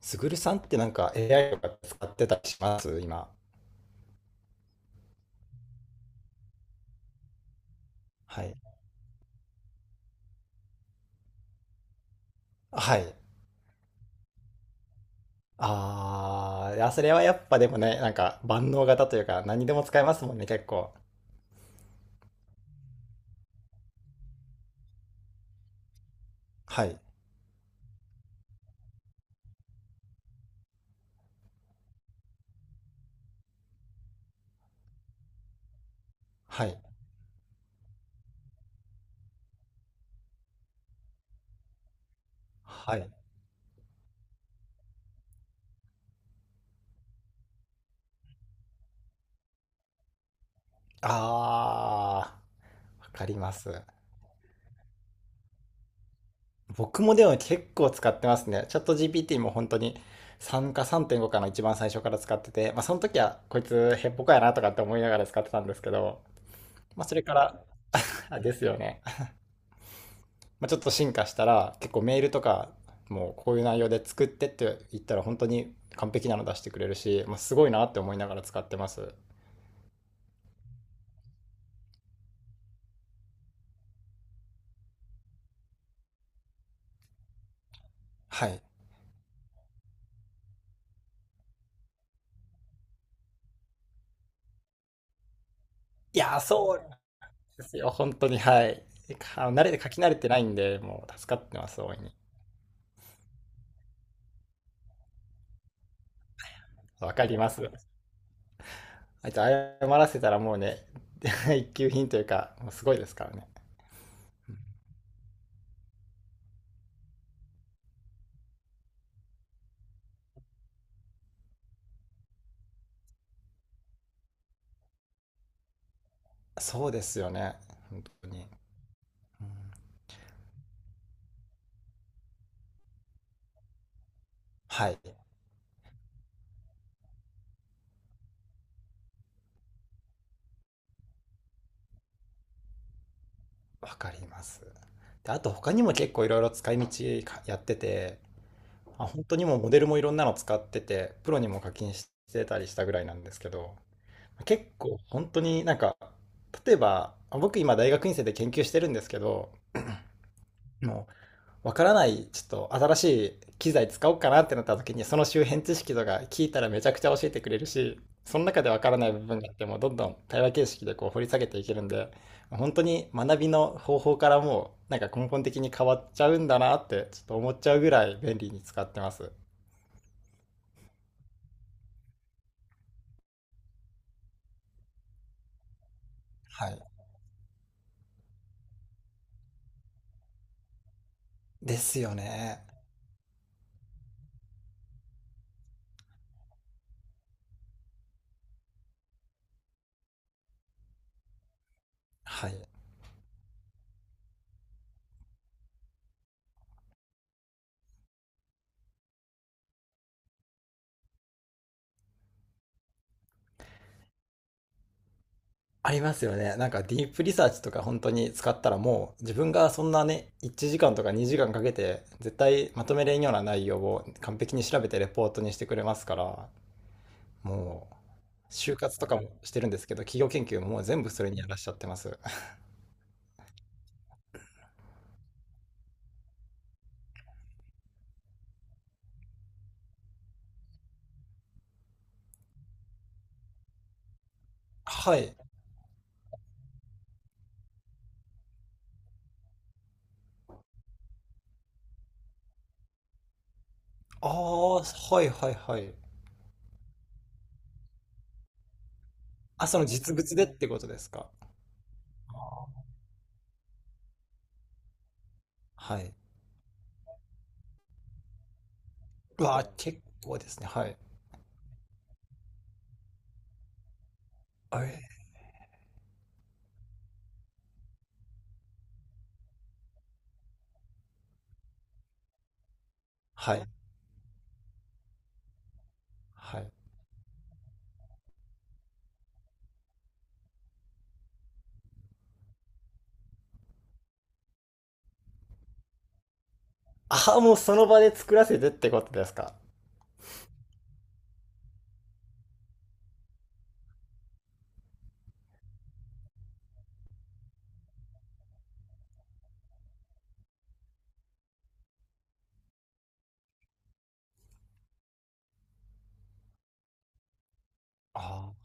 すぐるさんってなんか AI とか使ってたりします今？はい。はい。ああ、いや、それはやっぱでもね、なんか万能型というか何でも使えますもんね、結構。はい。はい。はい。ああ、わかります。僕もでも結構使ってますね。チャット GPT も本当に3か3.5かの一番最初から使ってて、まあその時はこいつヘッポコやなとかって思いながら使ってたんですけど、まあそれから、あ、ですよね。まあ、ちょっと進化したら結構メールとかもうこういう内容で作ってって言ったら本当に完璧なの出してくれるし、まあ、すごいなって思いながら使ってます。はい。いやー、そうなんですよ。本当に、はい。あの慣れて書き慣れてないんで、もう助かってます、大いに。わかります。あいつ謝らせたらもうね、一級品というか、もうすごいですからね。そうですよね。本当に。うん、はい。わかります。で、あと他にも結構いろいろ使い道かやってて、あ、本当にもうモデルもいろんなの使ってて、プロにも課金してたりしたぐらいなんですけど、結構本当になんか、例えば、あ僕今大学院生で研究してるんですけど、もうわからない、ちょっと新しい機材使おうかなってなった時に、その周辺知識とか聞いたらめちゃくちゃ教えてくれるし、その中でわからない部分があっても、どんどん対話形式でこう掘り下げていけるんで、本当に学びの方法からもうなんか根本的に変わっちゃうんだなって、ちょっと思っちゃうぐらい便利に使ってます。はい。ですよね。はい。ありますよね。なんかディープリサーチとか本当に使ったらもう自分がそんなね、1時間とか2時間かけて絶対まとめれんような内容を完璧に調べてレポートにしてくれますから、もう就活とかもしてるんですけど、企業研究ももう全部それにやらしちゃってます。はい。ああ、はいはいはい。あ、その実物でってことですか？はい。うわあ、結構ですね。はい。あれはい。はい。ああ、もうその場で作らせてってことですか？ああ、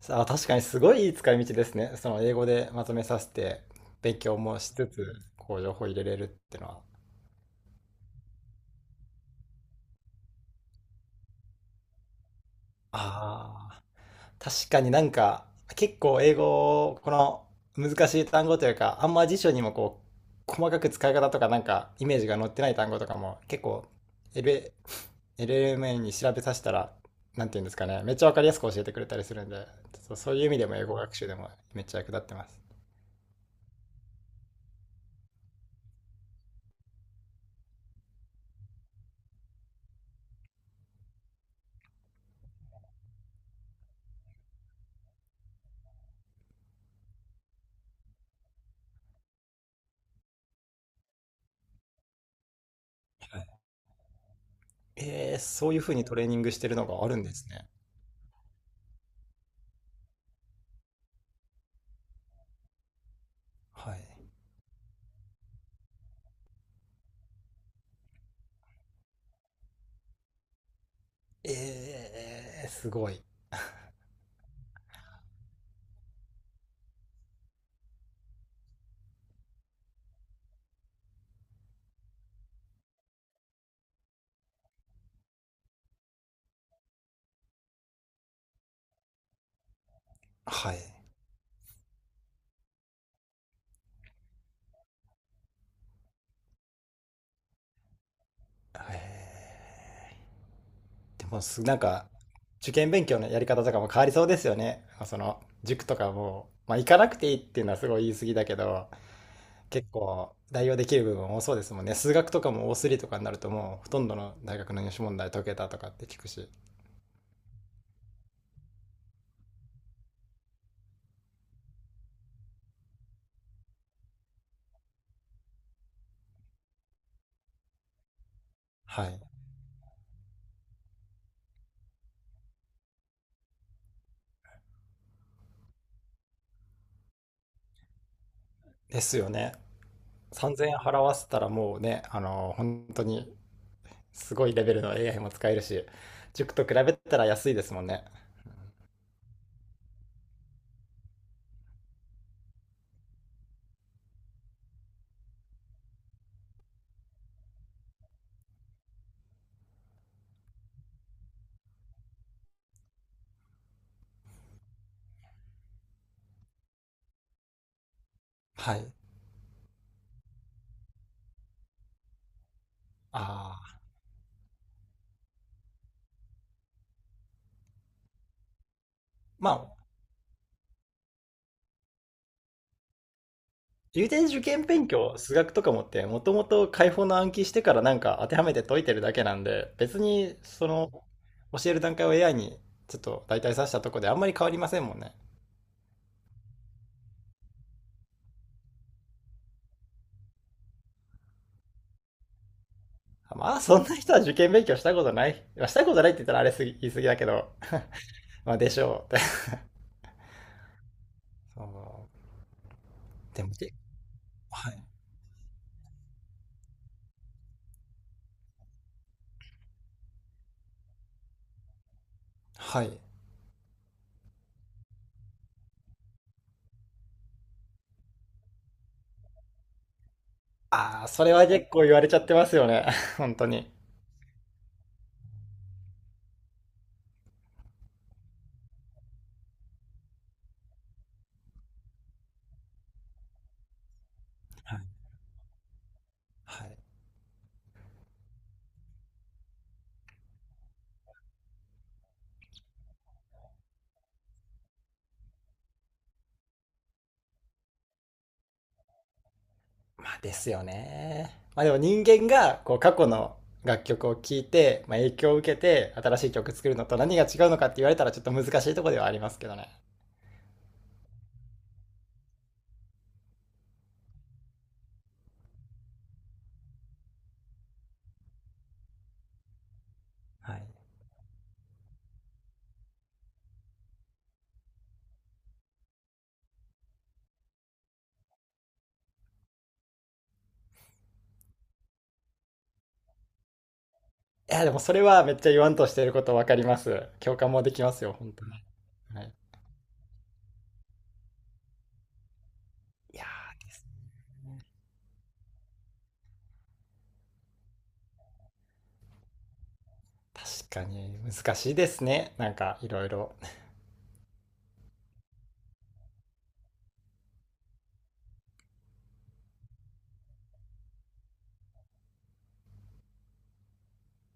さあ、確かにすごいいい使い道ですね。その英語でまとめさせて、勉強もしつつ、こう情報入れれるってのは。ああ、確かになんか、結構英語を、この難しい単語というか、あんま辞書にもこう、細かく使い方とかなんか、イメージが載ってない単語とかも、結構、LA、LLM に調べさせたら、なんていうんですかね、めっちゃわかりやすく教えてくれたりするんで、そう、そういう意味でも英語学習でもめっちゃ役立ってます。えー、そういうふうにトレーニングしてるのがあるんですね。はい。ええすごい。はい。はい。でもなんか、受験勉強のやり方とかも変わりそうですよね。その、塾とかも、まあ、行かなくていいっていうのはすごい言い過ぎだけど、結構代用できる部分も多そうですもんね。数学とかもすりとかになるともう、ほとんどの大学の入試問題解けたとかって聞くし。はい。ですよね。3000円払わせたらもうね、あの、本当にすごいレベルの AI も使えるし、塾と比べたら安いですもんね。はい。ああ。まあ、有点受験勉強、数学とかもって、もともと解放の暗記してからなんか当てはめて解いてるだけなんで、別にその教える段階を AI にちょっと代替させたとこであんまり変わりませんもんね。まあ、そんな人は受験勉強したことない。まあしたことないって言ったらあれすぎ、言い過ぎだけど、まあでしょうって。そうでも、はい。はい。ああ、それは結構言われちゃってますよね。本当に。はい。はい。まあですよね。まあでも人間がこう過去の楽曲を聴いて、まあ、影響を受けて新しい曲作るのと何が違うのかって言われたらちょっと難しいところではありますけどね。はい。いやでもそれはめっちゃ言わんとしていることわかります。共感もできますよ、本当に。はい。いやー確かに難しいですね。なんかいろいろ。